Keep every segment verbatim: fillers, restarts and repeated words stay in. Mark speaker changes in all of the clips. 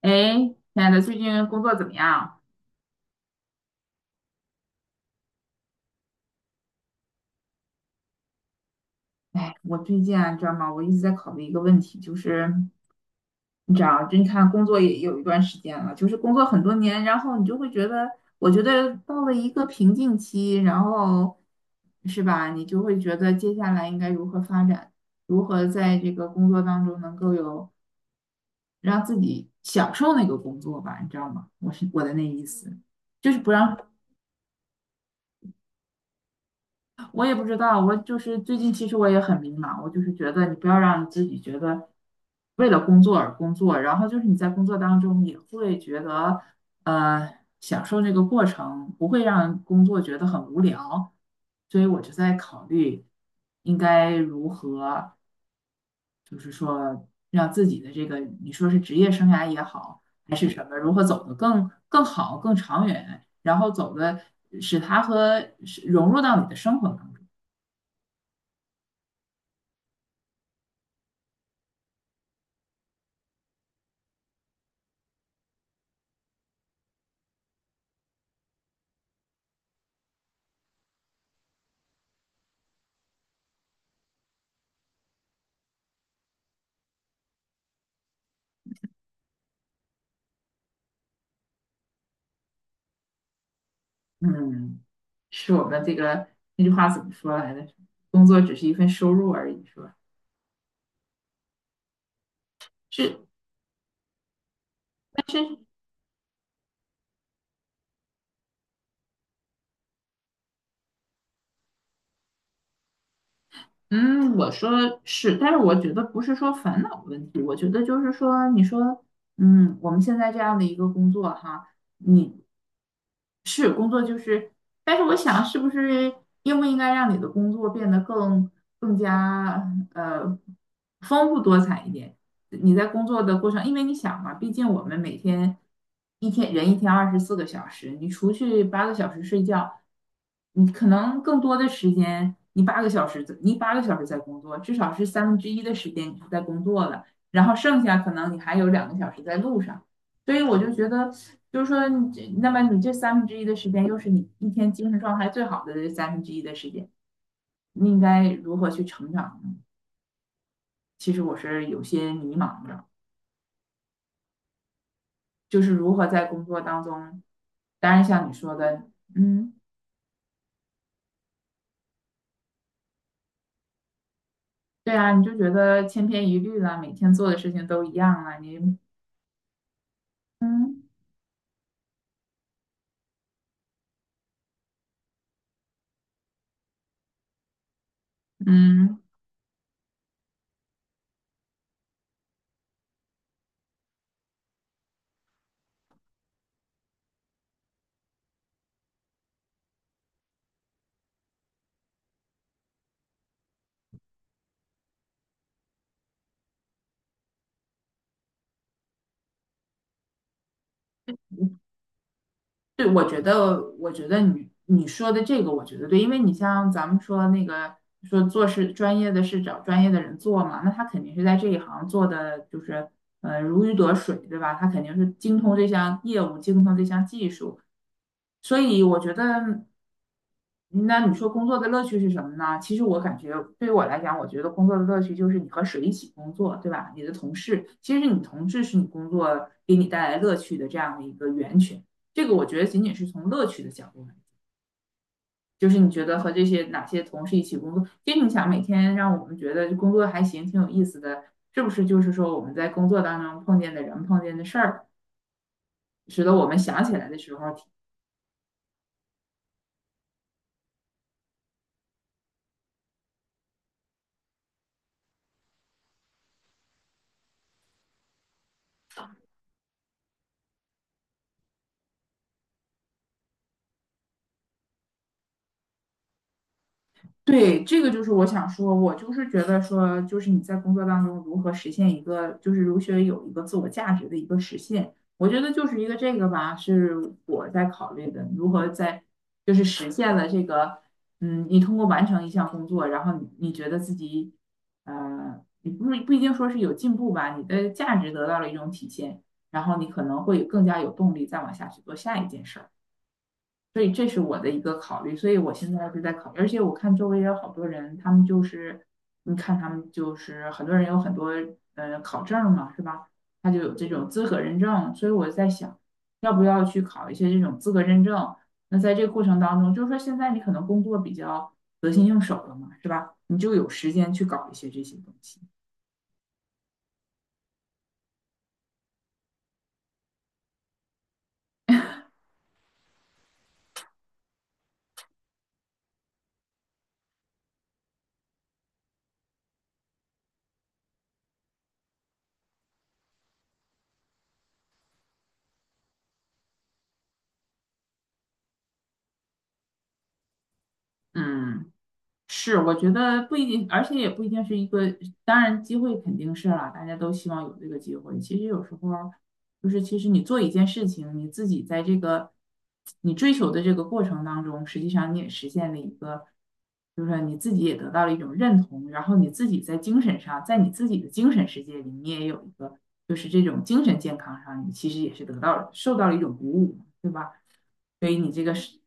Speaker 1: 哎，亲爱的，最近工作怎么样？哎，我最近啊，你知道吗？我一直在考虑一个问题，就是你知道，就你看工作也有一段时间了，就是工作很多年，然后你就会觉得，我觉得到了一个瓶颈期，然后是吧？你就会觉得接下来应该如何发展，如何在这个工作当中能够有让自己享受那个工作吧，你知道吗？我是我的那意思，就是不让。我也不知道，我就是最近其实我也很迷茫，我就是觉得你不要让自己觉得为了工作而工作，然后就是你在工作当中也会觉得呃享受这个过程，不会让工作觉得很无聊。所以我就在考虑应该如何，就是说让自己的这个你说是职业生涯也好，还是什么，如何走得更更好、更长远，然后走的使它和使融入到你的生活当中。嗯，是我们这个那句话怎么说来着？工作只是一份收入而已，是吧？是，但是，嗯，我说是，但是我觉得不是说烦恼问题，我觉得就是说，你说，嗯，我们现在这样的一个工作哈，你是工作就是，但是我想是不是应不应该让你的工作变得更更加呃丰富多彩一点？你在工作的过程，因为你想嘛，毕竟我们每天一天人一天二十四个小时，你除去八个小时睡觉，你可能更多的时间，你八个小时在你八个小时在工作，至少是三分之一的时间你是在工作的，然后剩下可能你还有两个小时在路上，所以我就觉得，就是说你这，那么你这三分之一的时间，又是你一天精神状态最好的这三分之一的时间，你应该如何去成长呢？其实我是有些迷茫的。就是如何在工作当中，当然像你说的，嗯，对啊，你就觉得千篇一律了，每天做的事情都一样了，你嗯嗯，对，我觉得，我觉得你你说的这个，我觉得对，因为你像咱们说那个说做事专业的事找专业的人做嘛，那他肯定是在这一行做的就是呃如鱼得水，对吧？他肯定是精通这项业务，精通这项技术，所以我觉得，嗯那你说工作的乐趣是什么呢？其实我感觉对于我来讲，我觉得工作的乐趣就是你和谁一起工作，对吧？你的同事，其实你同事是你工作给你带来乐趣的这样的一个源泉。这个我觉得仅仅是从乐趣的角度来，就是你觉得和这些哪些同事一起工作，其实你想每天让我们觉得工作还行，挺有意思的，是不是？就是说我们在工作当中碰见的人、碰见的事儿，使得我们想起来的时候对，这个就是我想说，我就是觉得说，就是你在工作当中如何实现一个，就是如何有一个自我价值的一个实现，我觉得就是一个这个吧，是我在考虑的，如何在就是实现了这个，嗯，你通过完成一项工作，然后你你觉得自己，呃，你不是不一定说是有进步吧，你的价值得到了一种体现，然后你可能会更加有动力再往下去做下一件事儿。所以这是我的一个考虑，所以我现在是在考虑，而且我看周围也有好多人，他们就是，你看他们就是很多人有很多呃考证嘛，是吧？他就有这种资格认证，所以我在想，要不要去考一些这种资格认证？那在这个过程当中，就是说现在你可能工作比较得心应手了嘛，是吧？你就有时间去搞一些这些东西，嗯。是，我觉得不一定，而且也不一定是一个，当然机会肯定是啦，大家都希望有这个机会。其实有时候儿就是，其实你做一件事情，你自己在这个你追求的这个过程当中，实际上你也实现了一个，就是说你自己也得到了一种认同，然后你自己在精神上，在你自己的精神世界里，你也有一个，就是这种精神健康上，你其实也是得到了，受到了一种鼓舞，对吧？所以你这个是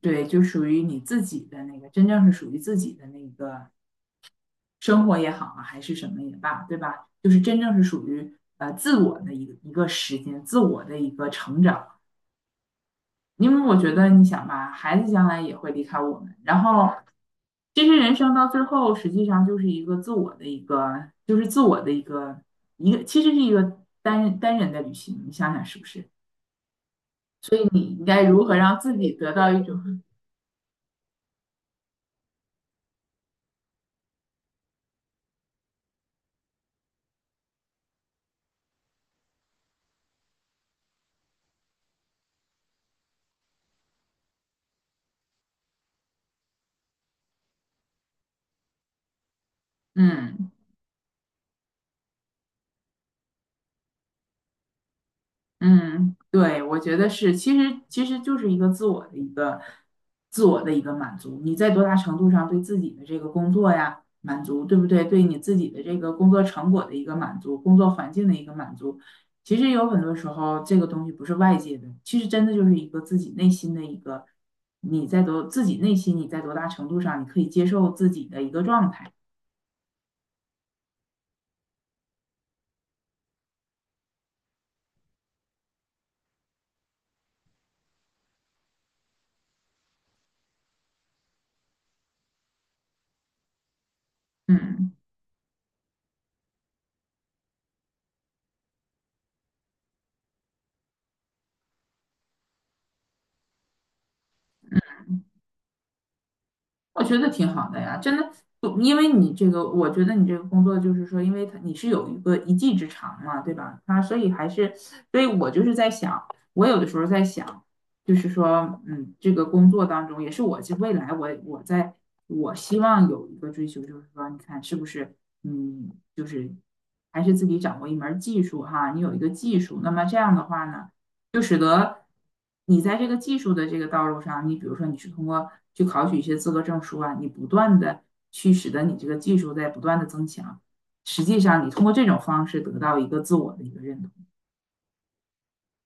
Speaker 1: 对，就属于你自己的那个，真正是属于自己的那个生活也好啊，还是什么也罢，对吧？就是真正是属于呃自我的一个一个时间，自我的一个成长。因为我觉得，你想吧，孩子将来也会离开我们，然后其实人生到最后，实际上就是一个自我的一个，就是自我的一个一个，其实是一个单单人的旅行。你想想是不是？所以你应该如何让自己得到一种嗯。嗯，对，我觉得是，其实其实就是一个自我的一个自我的一个满足。你在多大程度上对自己的这个工作呀满足，对不对？对你自己的这个工作成果的一个满足，工作环境的一个满足，其实有很多时候这个东西不是外界的，其实真的就是一个自己内心的一个，你在多自己内心你在多大程度上你可以接受自己的一个状态。嗯。我觉得挺好的呀，真的，不因为你这个，我觉得你这个工作就是说，因为他你是有一个一技之长嘛，对吧？他所以还是，所以我就是在想，我有的时候在想，就是说，嗯，这个工作当中也是我未来我我在我希望有一个追求，就是说，你看是不是，嗯，就是还是自己掌握一门儿技术哈，你有一个技术，那么这样的话呢？就使得你在这个技术的这个道路上，你比如说你是通过去考取一些资格证书啊，你不断的去使得你这个技术在不断的增强。实际上，你通过这种方式得到一个自我的一个认同，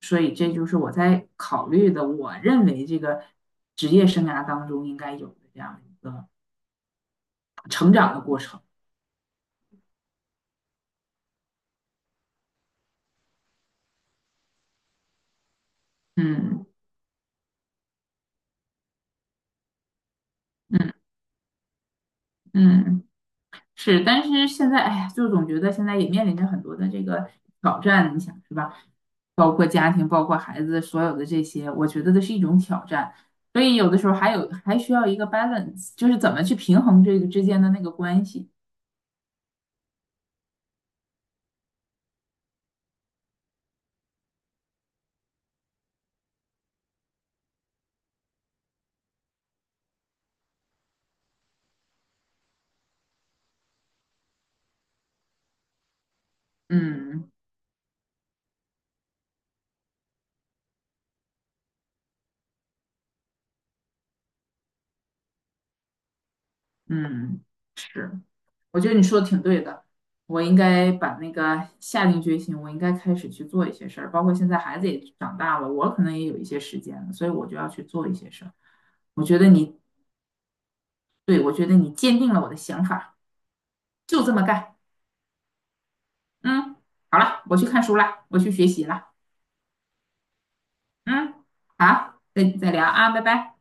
Speaker 1: 所以这就是我在考虑的，我认为这个职业生涯当中应该有的这样一个成长的过程。嗯嗯嗯。是，但是现在，哎呀，就总觉得现在也面临着很多的这个挑战，你想是吧？包括家庭，包括孩子，所有的这些，我觉得都是一种挑战。所以有的时候还有还需要一个 balance,就是怎么去平衡这个之间的那个关系。嗯嗯，是，我觉得你说的挺对的，我应该把那个下定决心，我应该开始去做一些事儿。包括现在孩子也长大了，我可能也有一些时间了，所以我就要去做一些事儿。我觉得你对，我觉得你坚定了我的想法，就这么干。嗯，好了，我去看书了，我去学习了。嗯，好，再再聊啊，拜拜。